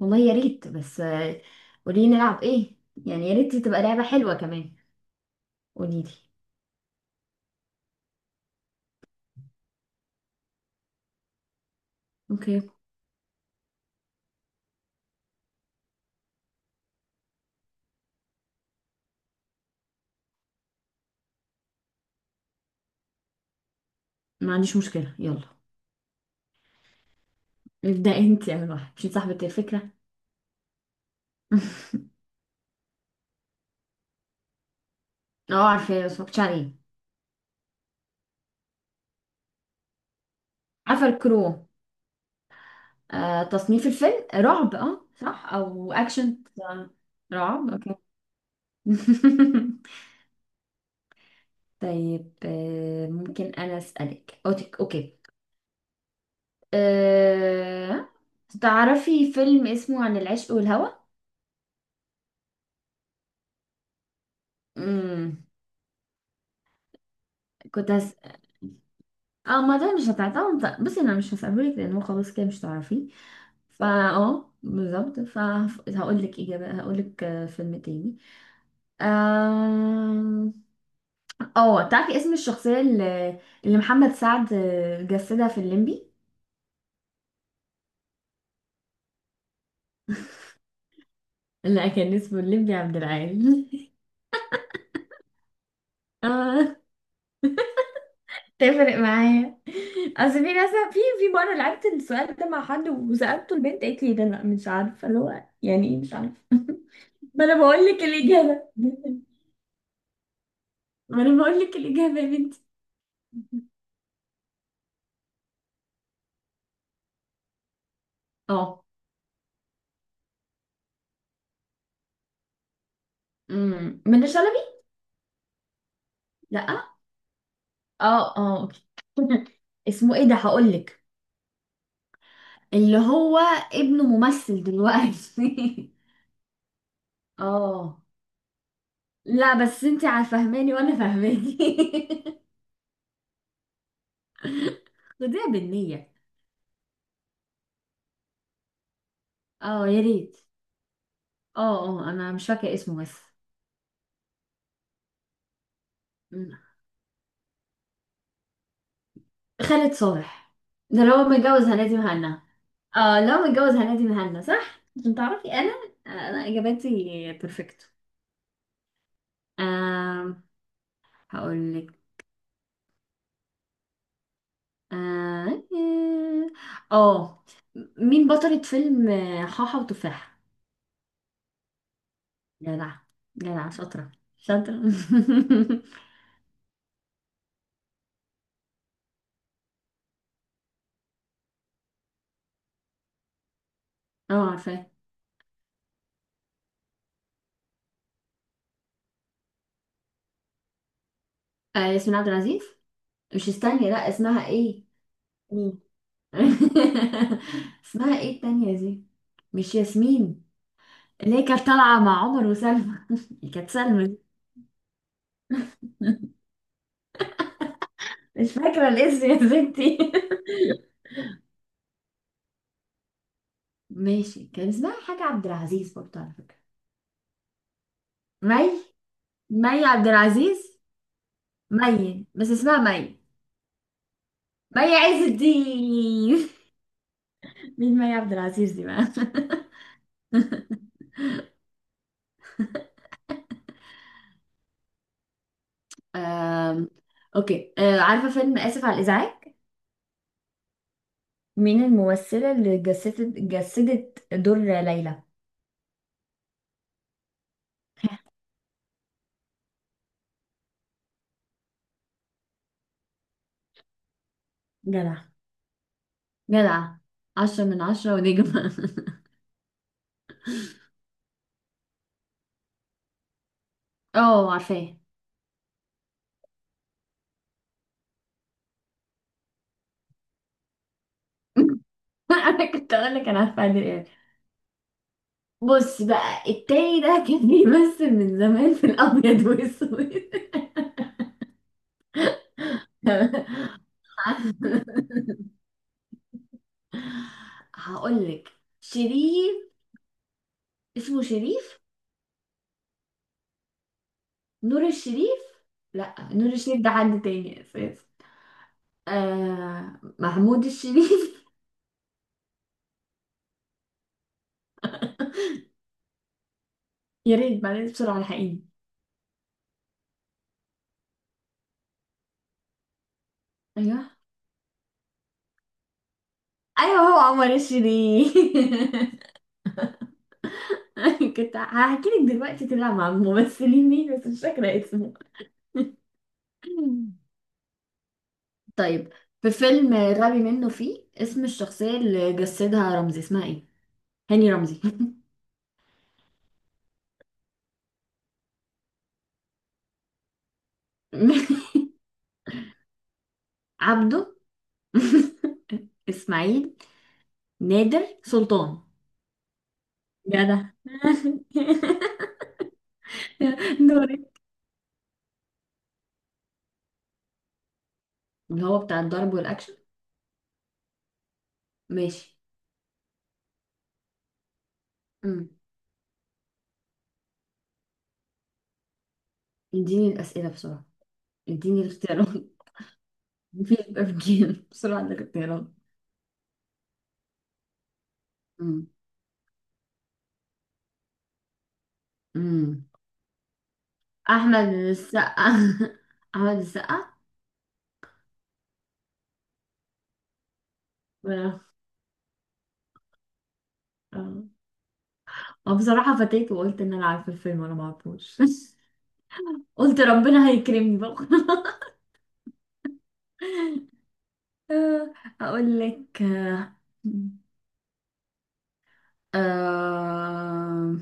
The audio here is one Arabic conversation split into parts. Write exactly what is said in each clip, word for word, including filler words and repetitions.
والله يا ريت بس، آه، قولي نلعب ايه؟ يعني يا ريت تبقى لعبة حلوة كمان. قولي لي. اوكي. ما عنديش مشكلة، يلا ابدأ انت، يا واحد مش انت صاحبة الفكرة. اه، عارفة، اتفرجت عليه. عارفة الكرو. آه تصنيف الفيلم رعب، اه صح، او اكشن آه، رعب، اوكي. طيب، آه ممكن انا اسألك اوتك؟ اوكي. آه تعرفي فيلم اسمه عن العشق والهوى؟ امم. كنت هسأل. اه، ما ده مش هتعتمد، بس انا مش هسألهولك لان هو خلاص كده مش تعرفيه. فا اه بالظبط، فهقول لك اجابه، هقول لك فيلم تاني. آم، اه، تعرفي اسم الشخصيه اللي, اللي محمد سعد آه، جسدها في الليمبي؟ لا، كان اسمه الليمبي عبد العال. اه، تفرق معايا. اصل في ناس، في في مره لعبت السؤال ده مع حد وسالته البنت قالت لي ده، لا مش عارفه اللي هو يعني ايه، مش عارفه. ما انا بقول لك الاجابه، ما انا بقول لك الاجابه يا بنتي. اه. أمم، منة شلبي. لا. اه، اه، اوكي. اسمه ايه ده؟ هقول لك. اللي هو ابنه ممثل دلوقتي. اه، لا بس انت فاهماني وانا فاهماني. خديها بالنية. اه يا ريت. اه اه، انا مش فاكره اسمه بس. أمم. خالد صالح. ده لو متجوز هنادي مهنا. اه، لو متجوز هنادي مهنا صح، عشان تعرفي انا انا اجاباتي بيرفكت. هقول لك. اه. آه. آه، مين بطلة فيلم آه، حاحة وتفاحة؟ جدع. جدع شاطرة. شاطرة. اه عارفاه. آه ياسمين عبد العزيز. مش، استني، لا اسمها ايه؟ مين؟ اسمها ايه التانية دي؟ مش ياسمين؟ اللي هي كانت طالعة مع عمر وسلمى. كانت سلمى دي. مش فاكرة الاسم، يا ستي. ماشي، كان اسمها حاجة عبد العزيز برضه على فكرة. مي. مي عبد العزيز. مي، بس اسمها مي. مي عز الدين. مين مي عبد العزيز دي بقى؟ آم، اوكي، آه، عارفة فيلم آسف على الإزعاج؟ مين الممثلة اللي جسدت جسدت دور ليلى؟ جدع. جدع. عشرة من عشرة ونجمة. اه عارفاه. انا كنت اقول لك، انا عارفه عادل امام. بص بقى، التاني ده كان بيمثل من زمان في الابيض والاسود. هقول لك. شريف. اسمه شريف. نور الشريف. لا، نور الشريف ده حد تاني اساسا. آه محمود الشريف. يا ريت بعدين بسرعة الحقيني. ايوه ايوه، هو عمر الشريف. كنت هحكي لك دلوقتي طلع مع الممثلين مين، بس مش فاكرة اسمه. طيب، في فيلم غبي منه فيه، اسم الشخصية اللي جسدها رمزي اسمها ايه؟ هاني رمزي. عبده. اسماعيل. نادر سلطان. جدع. دوري. اللي هو بتاع الضرب والاكشن. ماشي. امم اديني الاسئله بسرعه. اديني الاختيارات. في تفكير بسرعه الاختيارات. امم امم احمد السقا. احمد السقا. ولا. اه. أو بصراحه فتيت وقلت ان انا عارفه الفيلم وانا ما اعرفوش. قلت ربنا هيكرمني بقى. آه، اقول لك آه، آه...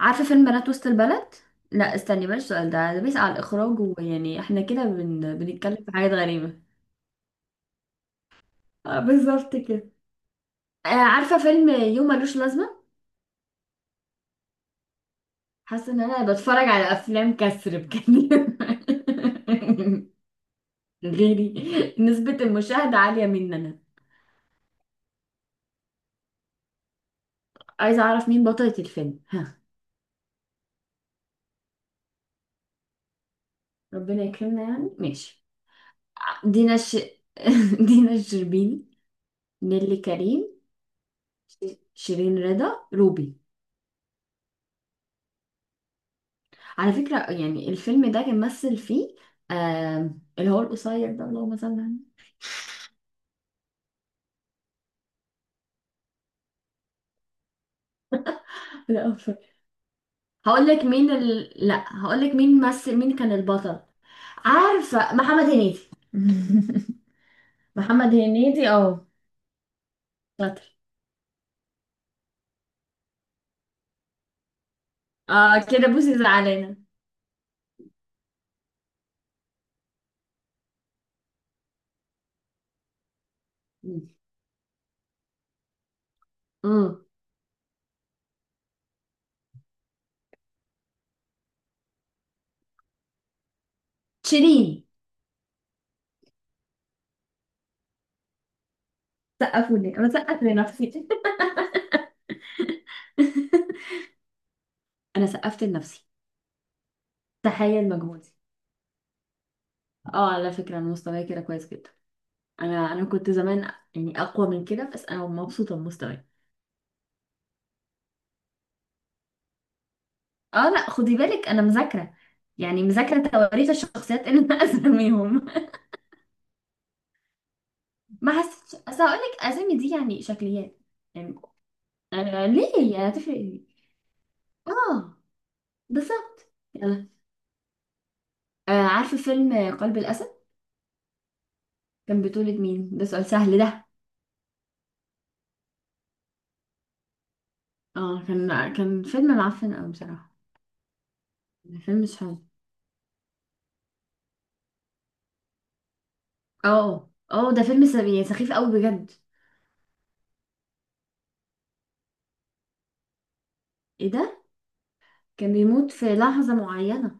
عارفة فيلم بنات وسط البلد؟ لا استني، بلاش السؤال ده ده بيسأل على الإخراج، ويعني احنا كده بن... بنتكلم في حاجات غريبة. آه بالظبط كده. آه عارفة فيلم يوم ملوش لازمة؟ حاسة ان انا بتفرج على افلام كسر بجد. غيري. نسبة المشاهدة عالية مننا. عايزة اعرف مين بطلة الفيلم، ها. ربنا يكرمنا يعني، ماشي. دينا ش... دينا الشربيني. نيلي كريم. شيرين رضا، روبي. على فكرة يعني الفيلم ده كان مثل فيه آه اللي هو القصير ده، اللهم صل على النبي. لا أفر. هقول لك مين ال... لا، هقول لك مين مثل، مين كان البطل. عارفة محمد هنيدي. محمد هنيدي اه. شاطر. اه، كده بوسي زعلانة. امم. شيرين. سقفوا لي، انا سقفت لنفسي. انا سقفت لنفسي. تخيل مجهودي. اه على فكرة انا مستواي كده كويس جدا. انا انا كنت زمان يعني اقوى من كده، بس انا مبسوطة بمستواي. اه لا، خدي بالك انا مذاكره. يعني مذاكره تواريخ الشخصيات اللي انا اسميهم. ما حسيتش، اصل هقول لك اسامي دي يعني شكليات. يعني، أنا ليه؟ يعني هتفرق ايه؟ اه بالظبط. يلا. آه عارفه فيلم قلب الاسد. كان بطولة مين؟ ده سؤال سهل ده. اه كان كان فيلم معفن قوي بصراحه. فيلم مش حلو. اه اه، ده فيلم سخيف، يعني سخيف قوي بجد. ايه ده؟ كان بيموت في لحظه معينه.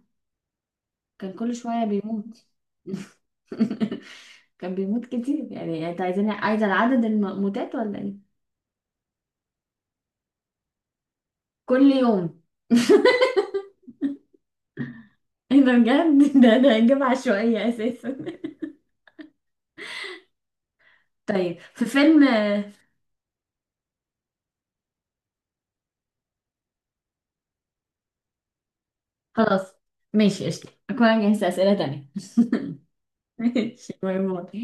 كان كل شويه بيموت. كان بيموت كتير، يعني انت عايزين، عايزه العدد الموتات ولا ايه؟ كل يوم. ايه ده بجد؟ ده ده اجابه عشوائيه اساسا. طيب، في فيلم. خلاص ماشي، قشطة، أكون أنا جهزت أسئلة تانية. ماشي باي باي.